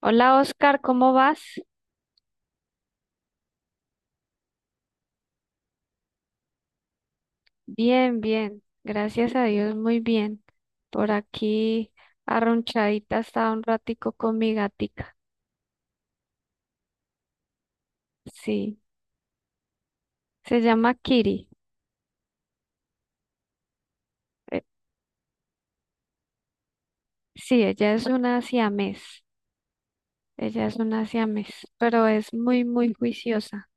Hola Oscar, ¿cómo vas? Bien, bien, gracias a Dios, muy bien. Por aquí arrunchadita estaba un ratico con mi gatica. Sí, se llama Kiri. Eh, sí, ella es una siamés. Ella es una siamés, pero es muy, muy juiciosa.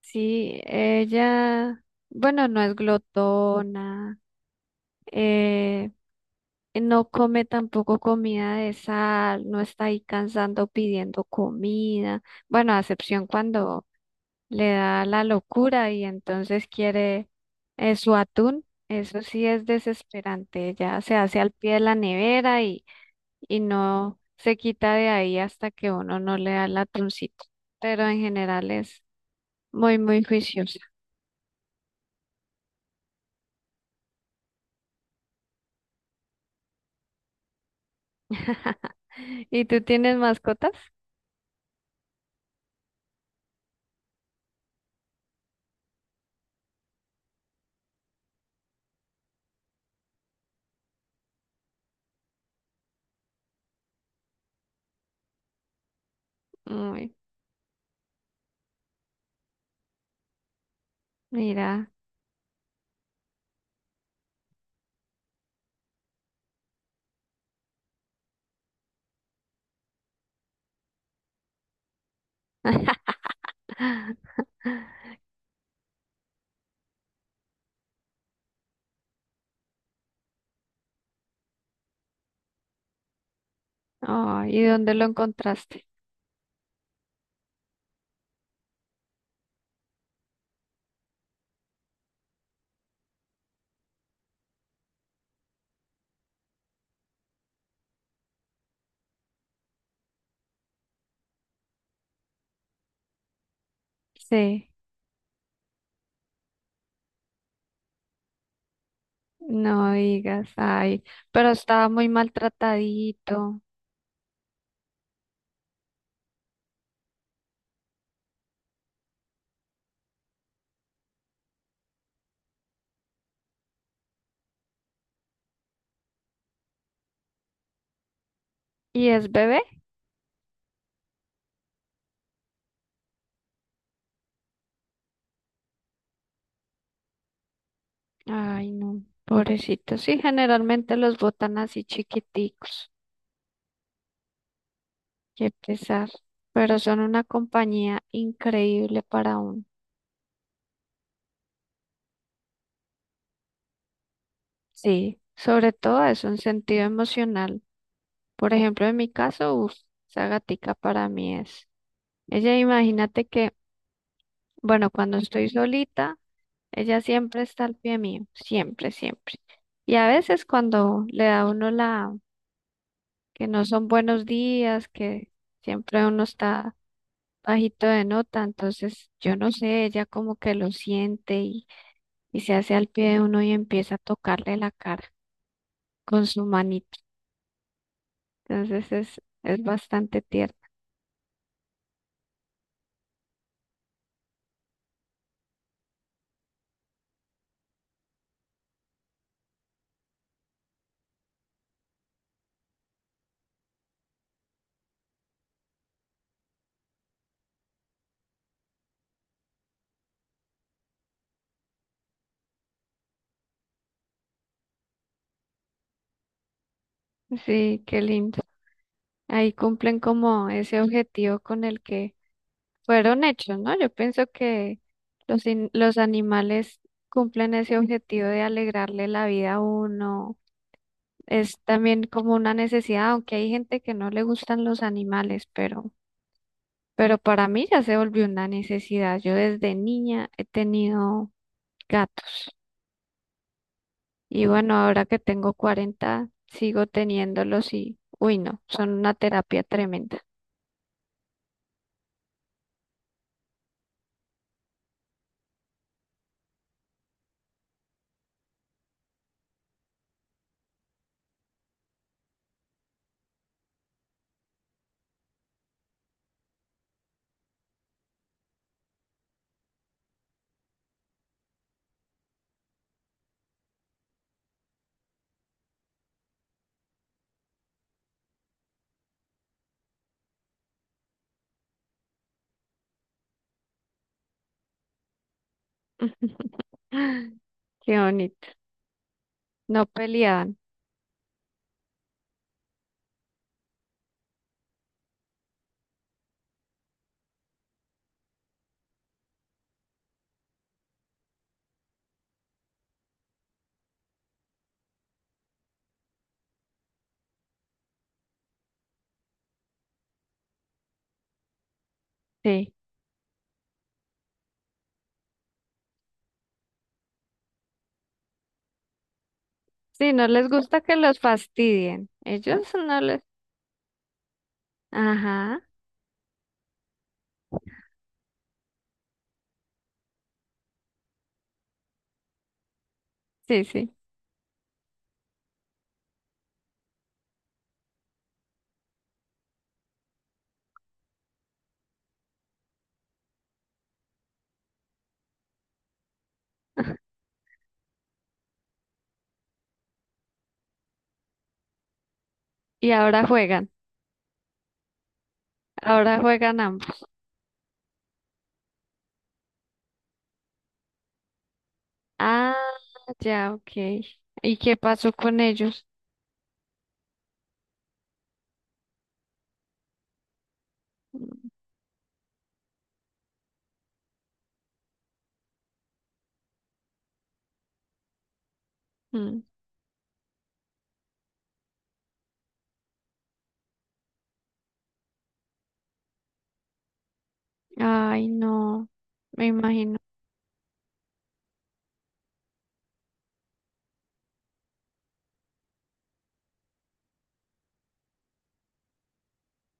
Sí, ella, bueno, no es glotona. eh, No come tampoco comida de sal, no está ahí cansando pidiendo comida. Bueno, a excepción cuando le da la locura y entonces quiere su atún. Eso sí es desesperante. Ya se hace al pie de la nevera y no se quita de ahí hasta que uno no le da el atuncito. Pero en general es muy, muy juiciosa. ¿Y tú tienes mascotas? Uy, mira. Ay, ¿y dónde lo encontraste? Sí, no digas, ay, pero estaba muy maltratadito. ¿Y es bebé? Ay, no, pobrecito. Sí, generalmente los botan así chiquiticos, qué pesar. Pero son una compañía increíble para uno. Sí, sobre todo es un sentido emocional. Por ejemplo, en mi caso, uff, esa gatica para mí es. Ella, imagínate que, bueno, cuando estoy solita. Ella siempre está al pie mío, siempre, siempre. Y a veces cuando le da a uno la, que no son buenos días, que siempre uno está bajito de nota, entonces yo no sé, ella como que lo siente y, se hace al pie de uno y empieza a tocarle la cara con su manito. Entonces es bastante tierno. Sí, qué lindo. Ahí cumplen como ese objetivo con el que fueron hechos, ¿no? Yo pienso que los animales cumplen ese objetivo de alegrarle la vida a uno. Es también como una necesidad, aunque hay gente que no le gustan los animales, pero para mí ya se volvió una necesidad. Yo desde niña he tenido gatos y bueno, ahora que tengo 40 sigo teniéndolos y, uy, no, son una terapia tremenda. Qué bonito. No peleaban, sí. Sí, no les gusta que los fastidien. Ellos no les... Ajá, sí, sí. Y ahora juegan ambos. Ah, ya, ok. ¿Y qué pasó con ellos? Mm, ay, no, me imagino.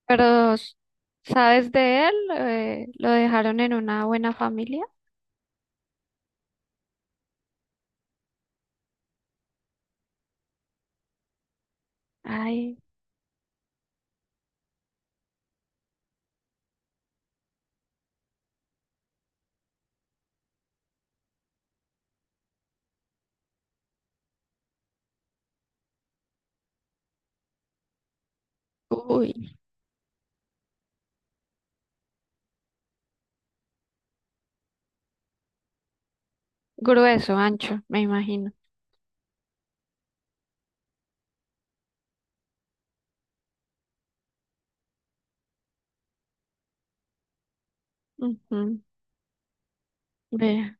Pero, s- ¿Sabes de él? ¿Lo dejaron en una buena familia? Ay, uy, grueso, ancho, me imagino. Ujú, vea.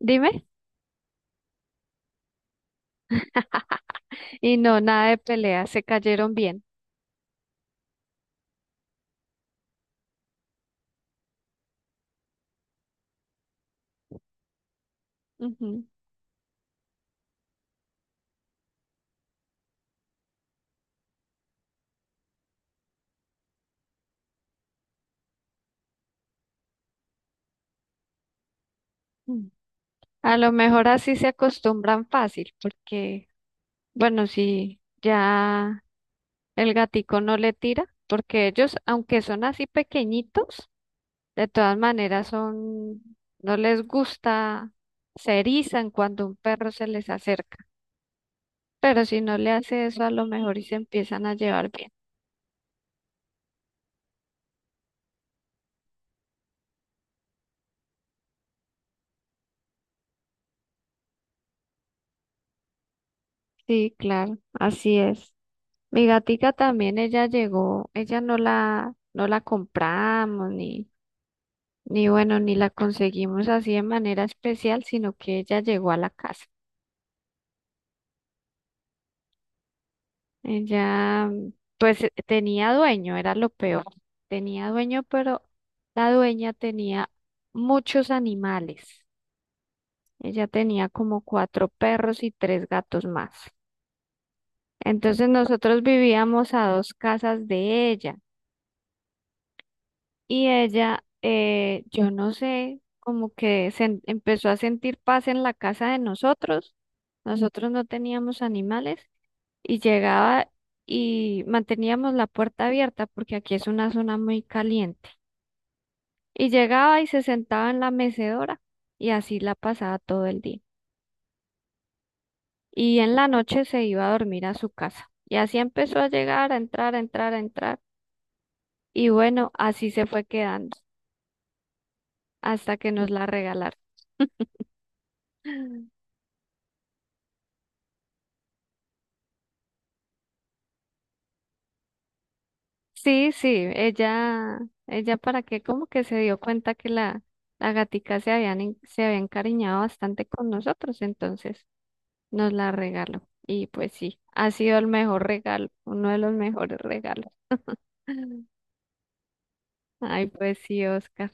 Dime. Y no, nada de pelea, se cayeron bien. Ujú, mm. A lo mejor así se acostumbran fácil, porque, bueno, si ya el gatico no le tira, porque ellos, aunque son así pequeñitos, de todas maneras son, no les gusta, se erizan cuando un perro se les acerca. Pero si no le hace eso, a lo mejor y se empiezan a llevar bien. Sí, claro, así es. Mi gatica también, ella llegó, ella no la compramos ni bueno, ni la conseguimos así de manera especial, sino que ella llegó a la casa. Ella, pues tenía dueño, era lo peor. Tenía dueño, pero la dueña tenía muchos animales. Ella tenía como cuatro perros y tres gatos más. Entonces nosotros vivíamos a dos casas de ella y ella, yo no sé, como que se empezó a sentir paz en la casa de nosotros. Nosotros no teníamos animales y llegaba y manteníamos la puerta abierta porque aquí es una zona muy caliente. Y llegaba y se sentaba en la mecedora y así la pasaba todo el día. Y en la noche se iba a dormir a su casa. Y así empezó a llegar, a entrar, a entrar, a entrar. Y bueno, así se fue quedando hasta que nos la regalaron. Sí, sí, ella para qué, como que se dio cuenta que la gatica se había encariñado bastante con nosotros, entonces. Nos la regaló. Y pues sí, ha sido el mejor regalo, uno de los mejores regalos. Ay, pues sí, Oscar.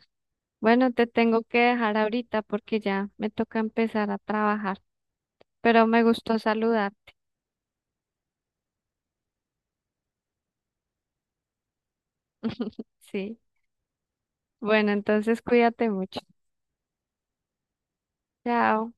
Bueno, te tengo que dejar ahorita porque ya me toca empezar a trabajar, pero me gustó saludar, sí. Bueno, entonces cuídate mucho. Chao.